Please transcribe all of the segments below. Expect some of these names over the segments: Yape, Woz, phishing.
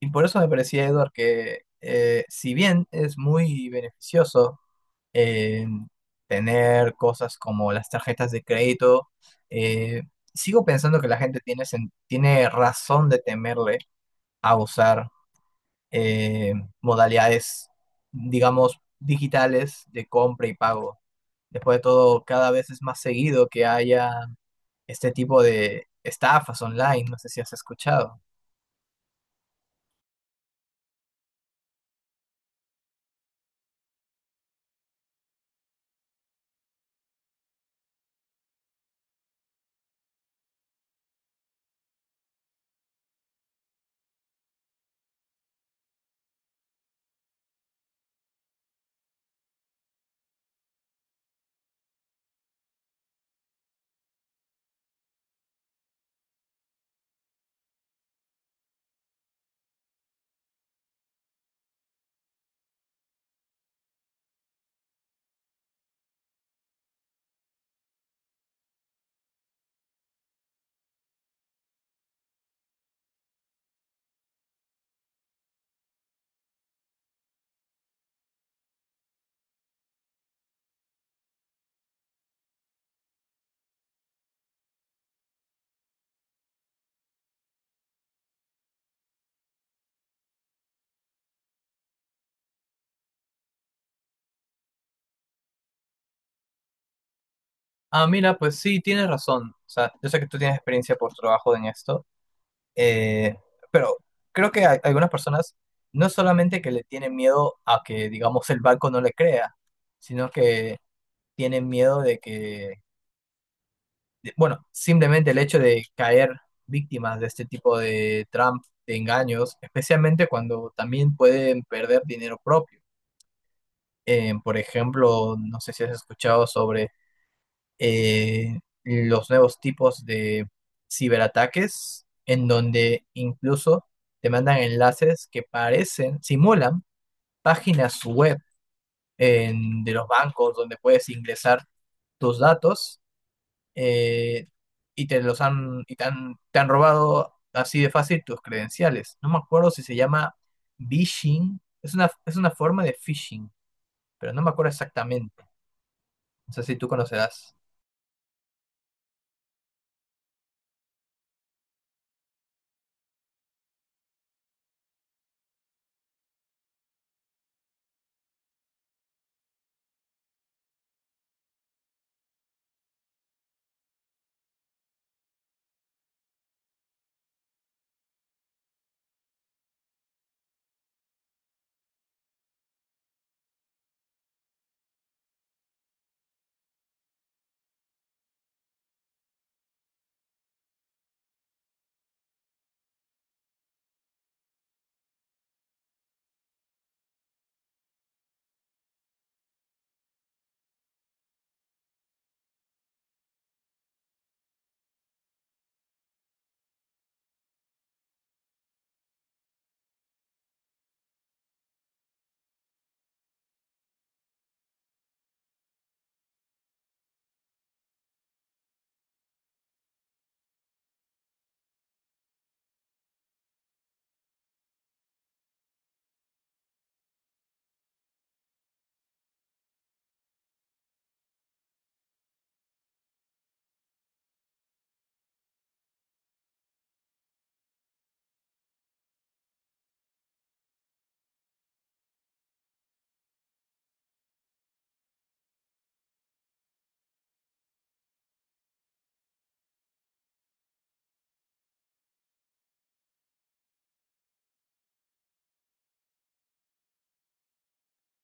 Y por eso me parecía, Edward, que si bien es muy beneficioso eh, tener cosas como las tarjetas de crédito. eh, Sigo pensando que la gente tiene razón de temerle a usar eh, modalidades, digamos, digitales de compra y pago. Después de todo, cada vez es más seguido que haya este tipo de estafas online. No sé si has escuchado. Ah, mira, pues sí, tienes razón. O sea, yo sé que tú tienes experiencia por trabajo en esto, eh, pero creo que hay algunas personas, no es solamente que le tienen miedo a que, digamos, el banco no le crea, sino que tienen miedo de bueno, simplemente el hecho de caer víctimas de este tipo de de engaños, especialmente cuando también pueden perder dinero propio. Por ejemplo, no sé si has escuchado sobre eh, los nuevos tipos de ciberataques, en donde incluso te mandan enlaces que parecen, simulan páginas web de los bancos donde puedes ingresar tus datos, eh, y te los han, y te han robado así de fácil tus credenciales. No me acuerdo si se llama phishing, es una forma de phishing, pero no me acuerdo exactamente. No sé si tú conocerás.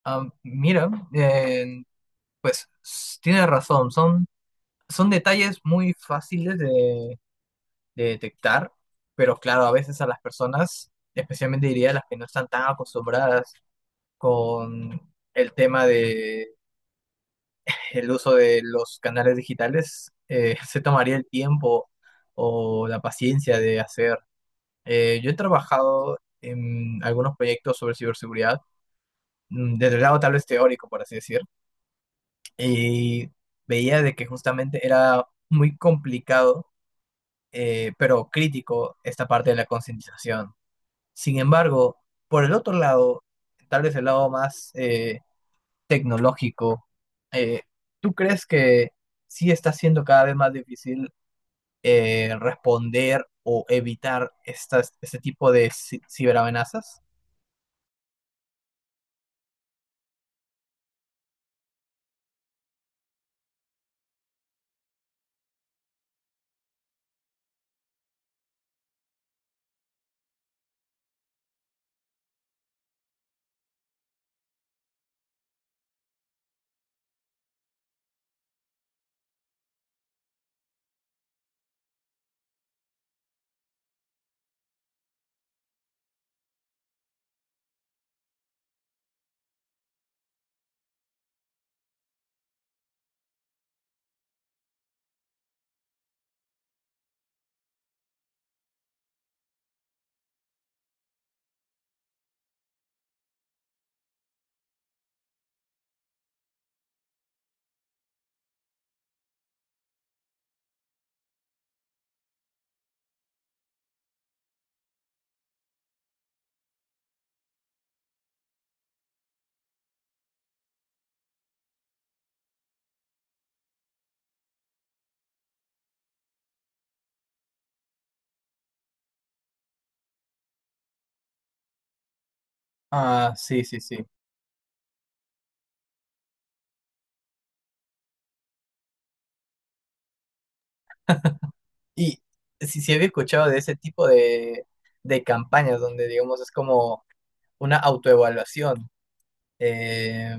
Ah, mira, pues tienes razón, son detalles muy fáciles de detectar, pero claro, a veces a las personas, especialmente diría las que no están tan acostumbradas con el tema de el uso de los canales digitales, se tomaría el tiempo o la paciencia de hacer. Yo he trabajado en algunos proyectos sobre ciberseguridad, desde el lado tal vez teórico, por así decir, y veía de que justamente era muy complicado, pero crítico esta parte de la concientización. Sin embargo, por el otro lado, tal vez el lado más tecnológico, eh, ¿tú crees que sí está siendo cada vez más difícil responder o evitar este tipo de ciberamenazas? Ah, sí, sí, sí. Y sí, sí había escuchado de ese tipo de campañas donde, digamos, es como una autoevaluación. Eh,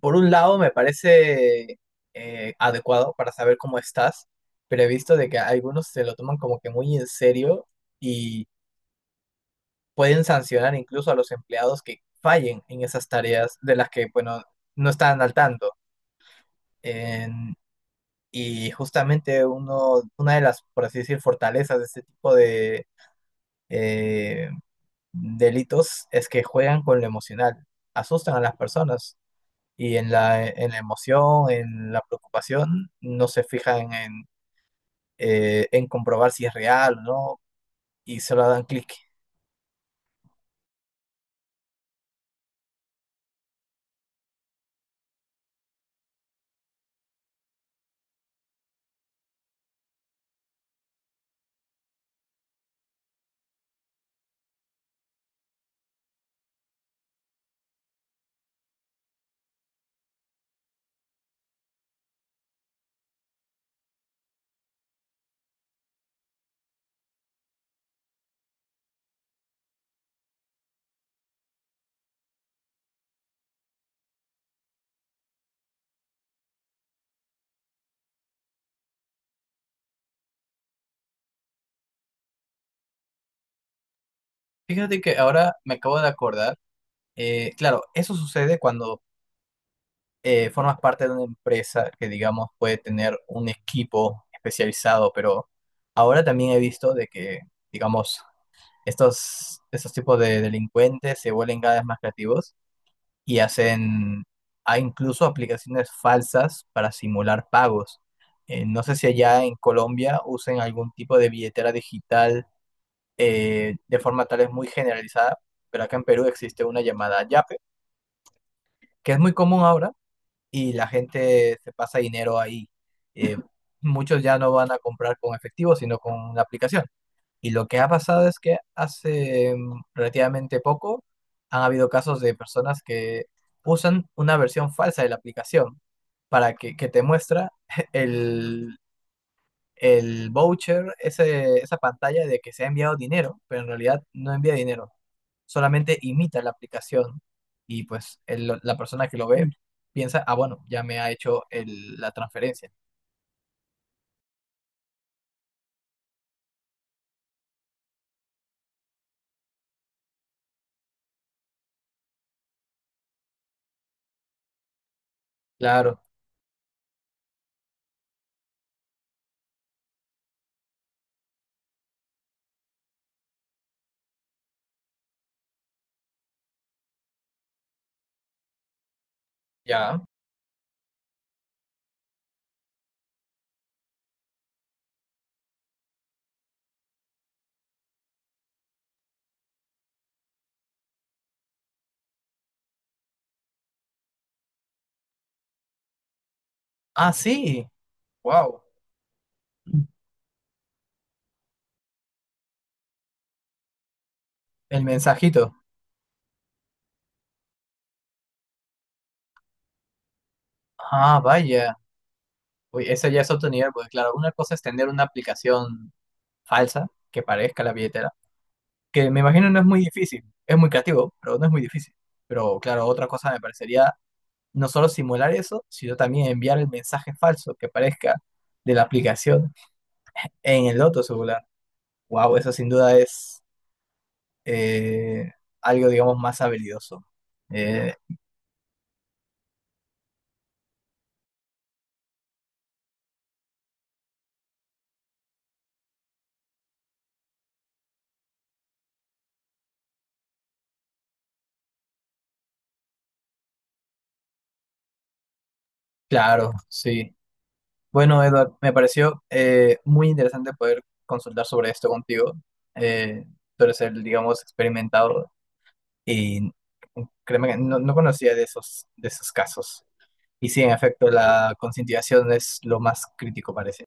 por un lado, me parece adecuado para saber cómo estás, pero he visto de que algunos se lo toman como que muy en serio y pueden sancionar incluso a los empleados que fallen en esas tareas de las que, bueno, no están al tanto. En- y justamente una de las, por así decir, fortalezas de este tipo de eh, delitos es que juegan con lo emocional, asustan a las personas. Y en en la emoción, en la preocupación, no se fijan en comprobar si es real o no, y solo dan clic. Fíjate que ahora me acabo de acordar, claro, eso sucede cuando formas parte de una empresa que digamos puede tener un equipo especializado, pero ahora también he visto de que, digamos, estos tipos de delincuentes se vuelven cada vez más creativos y hacen, hay incluso aplicaciones falsas para simular pagos. No sé si allá en Colombia usen algún tipo de billetera digital de forma tal vez muy generalizada, pero acá en Perú existe una llamada Yape, que es muy común ahora, y la gente se pasa dinero ahí. Eh, muchos ya no van a comprar con efectivo, sino con una aplicación. Y lo que ha pasado es que hace relativamente poco han habido casos de personas que usan una versión falsa de la aplicación para que te muestra el, el voucher, esa pantalla de que se ha enviado dinero, pero en realidad no envía dinero, solamente imita la aplicación, y pues la persona que lo ve piensa: ah, bueno, ya me ha hecho la transferencia. Claro, ya. Ah, sí, wow, el mensajito. Ah, vaya. Uy, ese ya es otro nivel, porque claro, una cosa es tener una aplicación falsa que parezca la billetera, que me imagino no es muy difícil, es muy creativo, pero no es muy difícil. Pero claro, otra cosa me parecería no solo simular eso, sino también enviar el mensaje falso que parezca de la aplicación en el otro celular. Wow, eso sin duda es eh, algo, digamos, más habilidoso. Eh, claro, sí. Bueno, Edward, me pareció muy interesante poder consultar sobre esto contigo. Eh, tú eres el, digamos, experimentado, y créeme que no, no conocía de esos casos. Y sí, en efecto, la concientización es lo más crítico, parece.